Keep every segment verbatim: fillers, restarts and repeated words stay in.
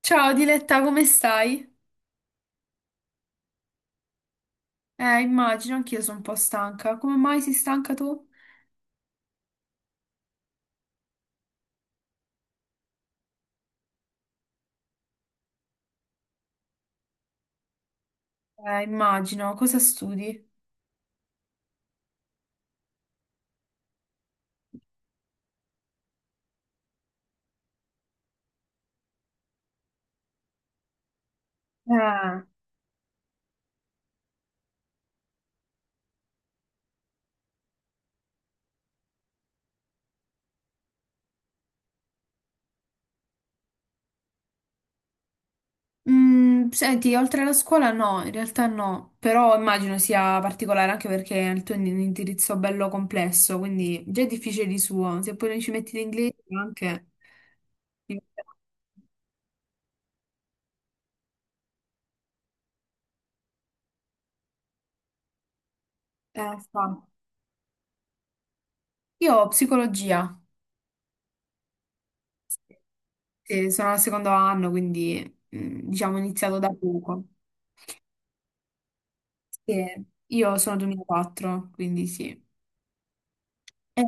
Ciao Diletta, come stai? Eh, immagino, anch'io sono un po' stanca. Come mai sei stanca tu? Eh, immagino, cosa studi? Eh. Mm, senti, oltre alla scuola no, in realtà no, però immagino sia particolare anche perché il tuo è un indirizzo bello complesso, quindi già è difficile di suo, se poi non ci metti l'inglese anche... Eh, fa. Io ho psicologia. Sì, sono al secondo anno, quindi mm, diciamo ho iniziato da poco. Sì, io sono duemilaquattro, quindi sì. Eh,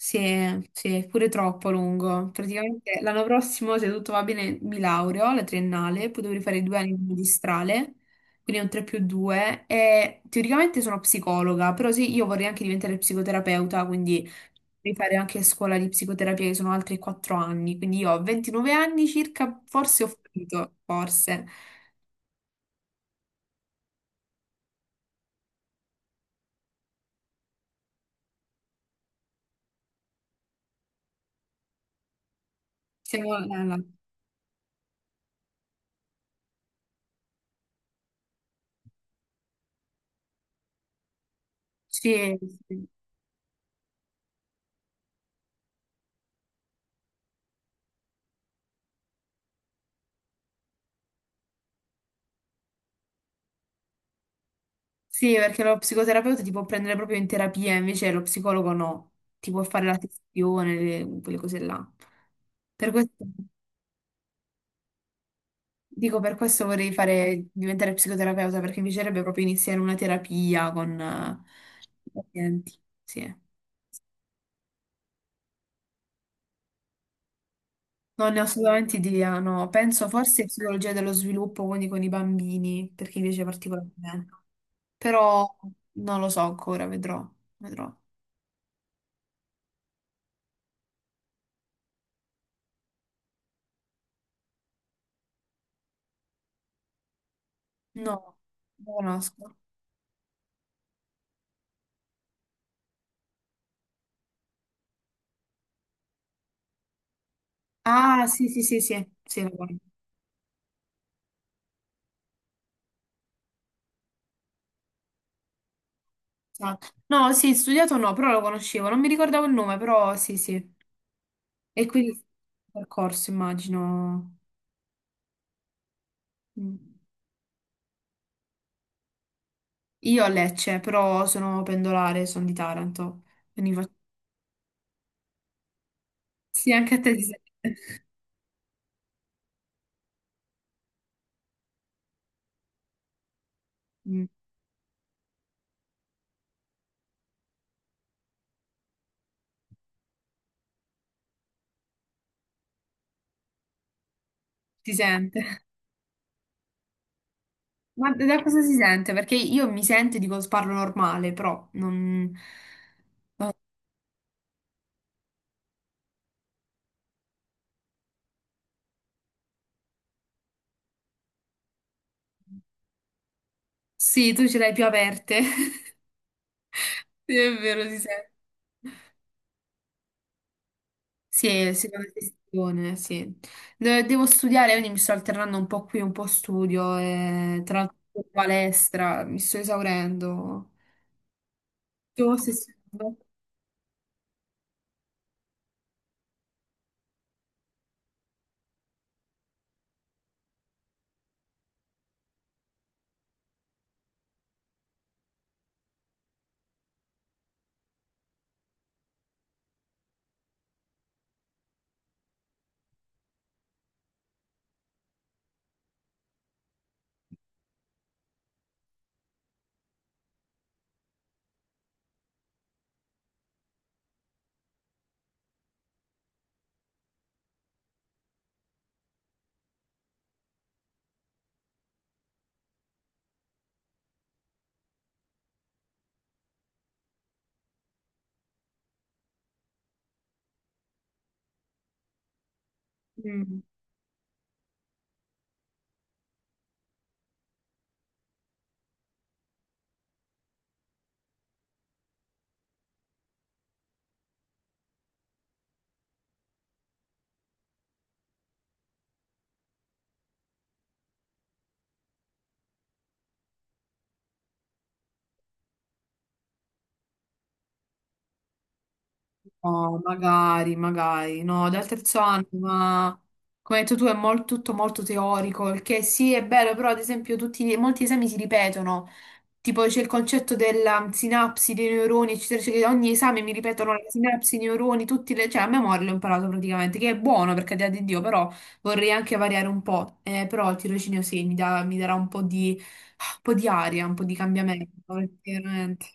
Sì, sì, è pure troppo lungo. Praticamente l'anno prossimo, se tutto va bene, mi laureo alla triennale, poi dovrei fare due anni di magistrale, quindi è un tre più due. E teoricamente sono psicologa, però sì, io vorrei anche diventare psicoterapeuta, quindi devi fare anche scuola di psicoterapia, che sono altri quattro anni. Quindi io ho ventinove anni circa, forse ho finito, forse. Siamo... là, là. Sì, sì. Sì, perché lo psicoterapeuta ti può prendere proprio in terapia, invece lo psicologo no, ti può fare la sessione, le- quelle cose là. Per questo, dico, per questo vorrei fare, diventare psicoterapeuta, perché mi piacerebbe proprio iniziare una terapia con eh, i pazienti. Sì. Non ne ho assolutamente idea, no. Penso forse psicologia dello sviluppo, quindi con i bambini, perché mi piace particolarmente. Però non lo so ancora, vedrò, vedrò. No, non lo conosco. Ah, sì, sì, sì, sì, sì, lo conosco. Esatto. No, sì, studiato no, però lo conoscevo, non mi ricordavo il nome, però sì, sì. E quindi sì, percorso, immagino. Mm. Io a Lecce, però sono pendolare, sono di Taranto. Quindi fa- Sì, anche a te ti sente. Mm, Ti sente. Ma da cosa si sente? Perché io mi sento e dico parlo normale, però non... Sì, tu ce l'hai più aperte. Sì, è vero, si sente. Sì, seconda sessione, sì. De- Devo studiare, quindi mi sto alternando un po' qui, un po' studio, e tra l'altro palestra, mi sto esaurendo. Tu sei studiando? No, magari, magari, no, dal terzo anno, ma come hai detto tu è mol- tutto molto teorico, il che sì è bello, però ad esempio tutti, molti esami si ripetono, tipo c'è il concetto della mm, sinapsi dei neuroni, eccetera, eccetera, ogni esame mi ripetono le sinapsi, i neuroni, tutti le- cioè a memoria l'ho imparato praticamente, che è buono per carità di Dio, però vorrei anche variare un po', Eh, però il tirocinio sì, mi, dà- mi darà un po' di, un po' di aria, un po' di cambiamento, veramente.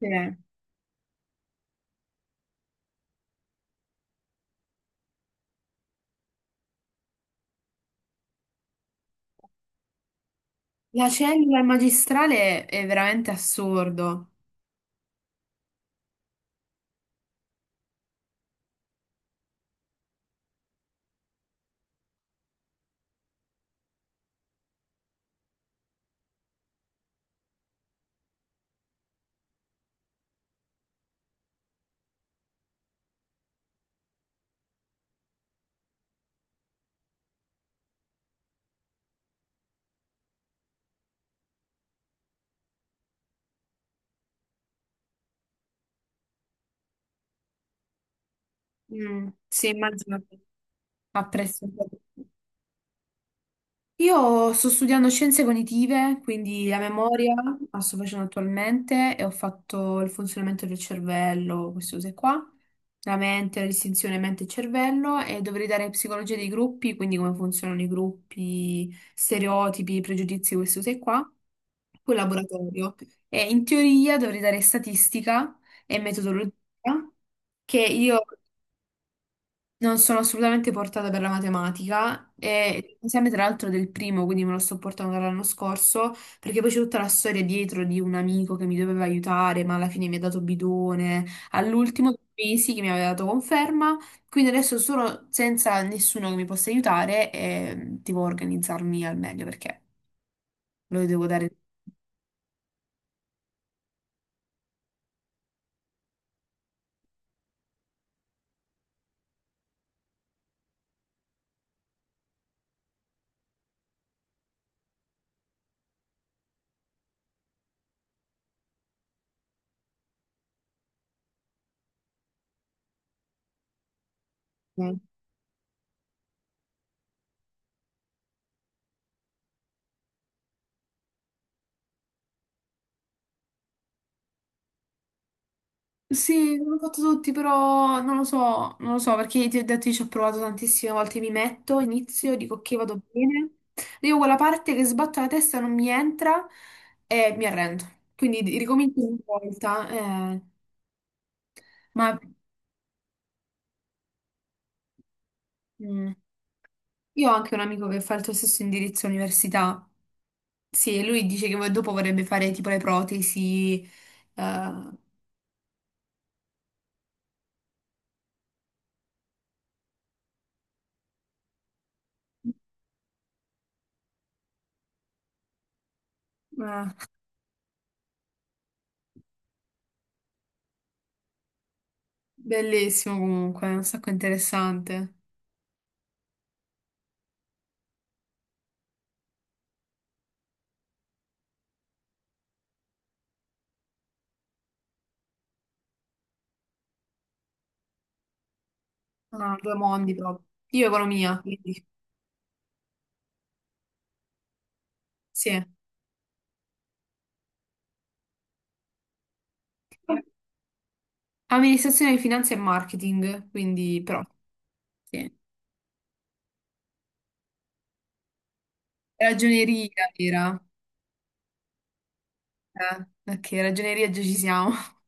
Sì. La cellula e magistrale è veramente assurdo. Mm, sì, immagino che ha preso. Io sto studiando scienze cognitive, quindi la memoria la sto facendo attualmente e ho fatto il funzionamento del cervello, queste cose qua, la mente, la distinzione mente-cervello e dovrei dare psicologia dei gruppi, quindi come funzionano i gruppi, stereotipi, pregiudizi, queste cose qua, poi laboratorio. E in teoria dovrei dare statistica e metodologia, che io non sono assolutamente portata per la matematica e l'esame tra l'altro del primo, quindi me lo sto portando dall'anno scorso, perché poi c'è tutta la storia dietro di un amico che mi doveva aiutare, ma alla fine mi ha dato bidone, all'ultimo dei mesi che mi aveva dato conferma, quindi adesso sono senza nessuno che mi possa aiutare e mm, devo organizzarmi al meglio perché lo devo dare. Sì, l'ho fatto tutti, però non lo so, non lo so, perché ti ho detto, io ci ho provato tantissime volte, mi metto, inizio, dico ok, vado bene, arrivo a quella parte che sbatto la testa, non mi entra e mi arrendo. Quindi di- ricomincio ogni volta, eh, ma mm, io ho anche un amico che fa il tuo stesso indirizzo all'università, sì, e lui dice che vo- dopo vorrebbe fare tipo le protesi, eh, eh, bellissimo comunque, un sacco interessante. Ah, due mondi proprio. Io economia. Sì. Amministrazione di finanza e marketing, quindi però, sì. Ragioneria era. Eh, ok, ragioneria già ci siamo.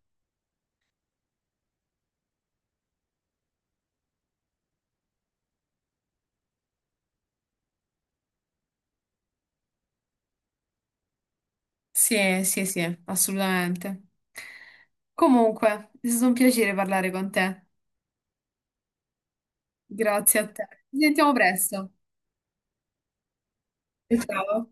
Sì, sì, sì, assolutamente. Comunque, è stato un piacere parlare con te. Grazie a te. Ci sentiamo presto. Ciao.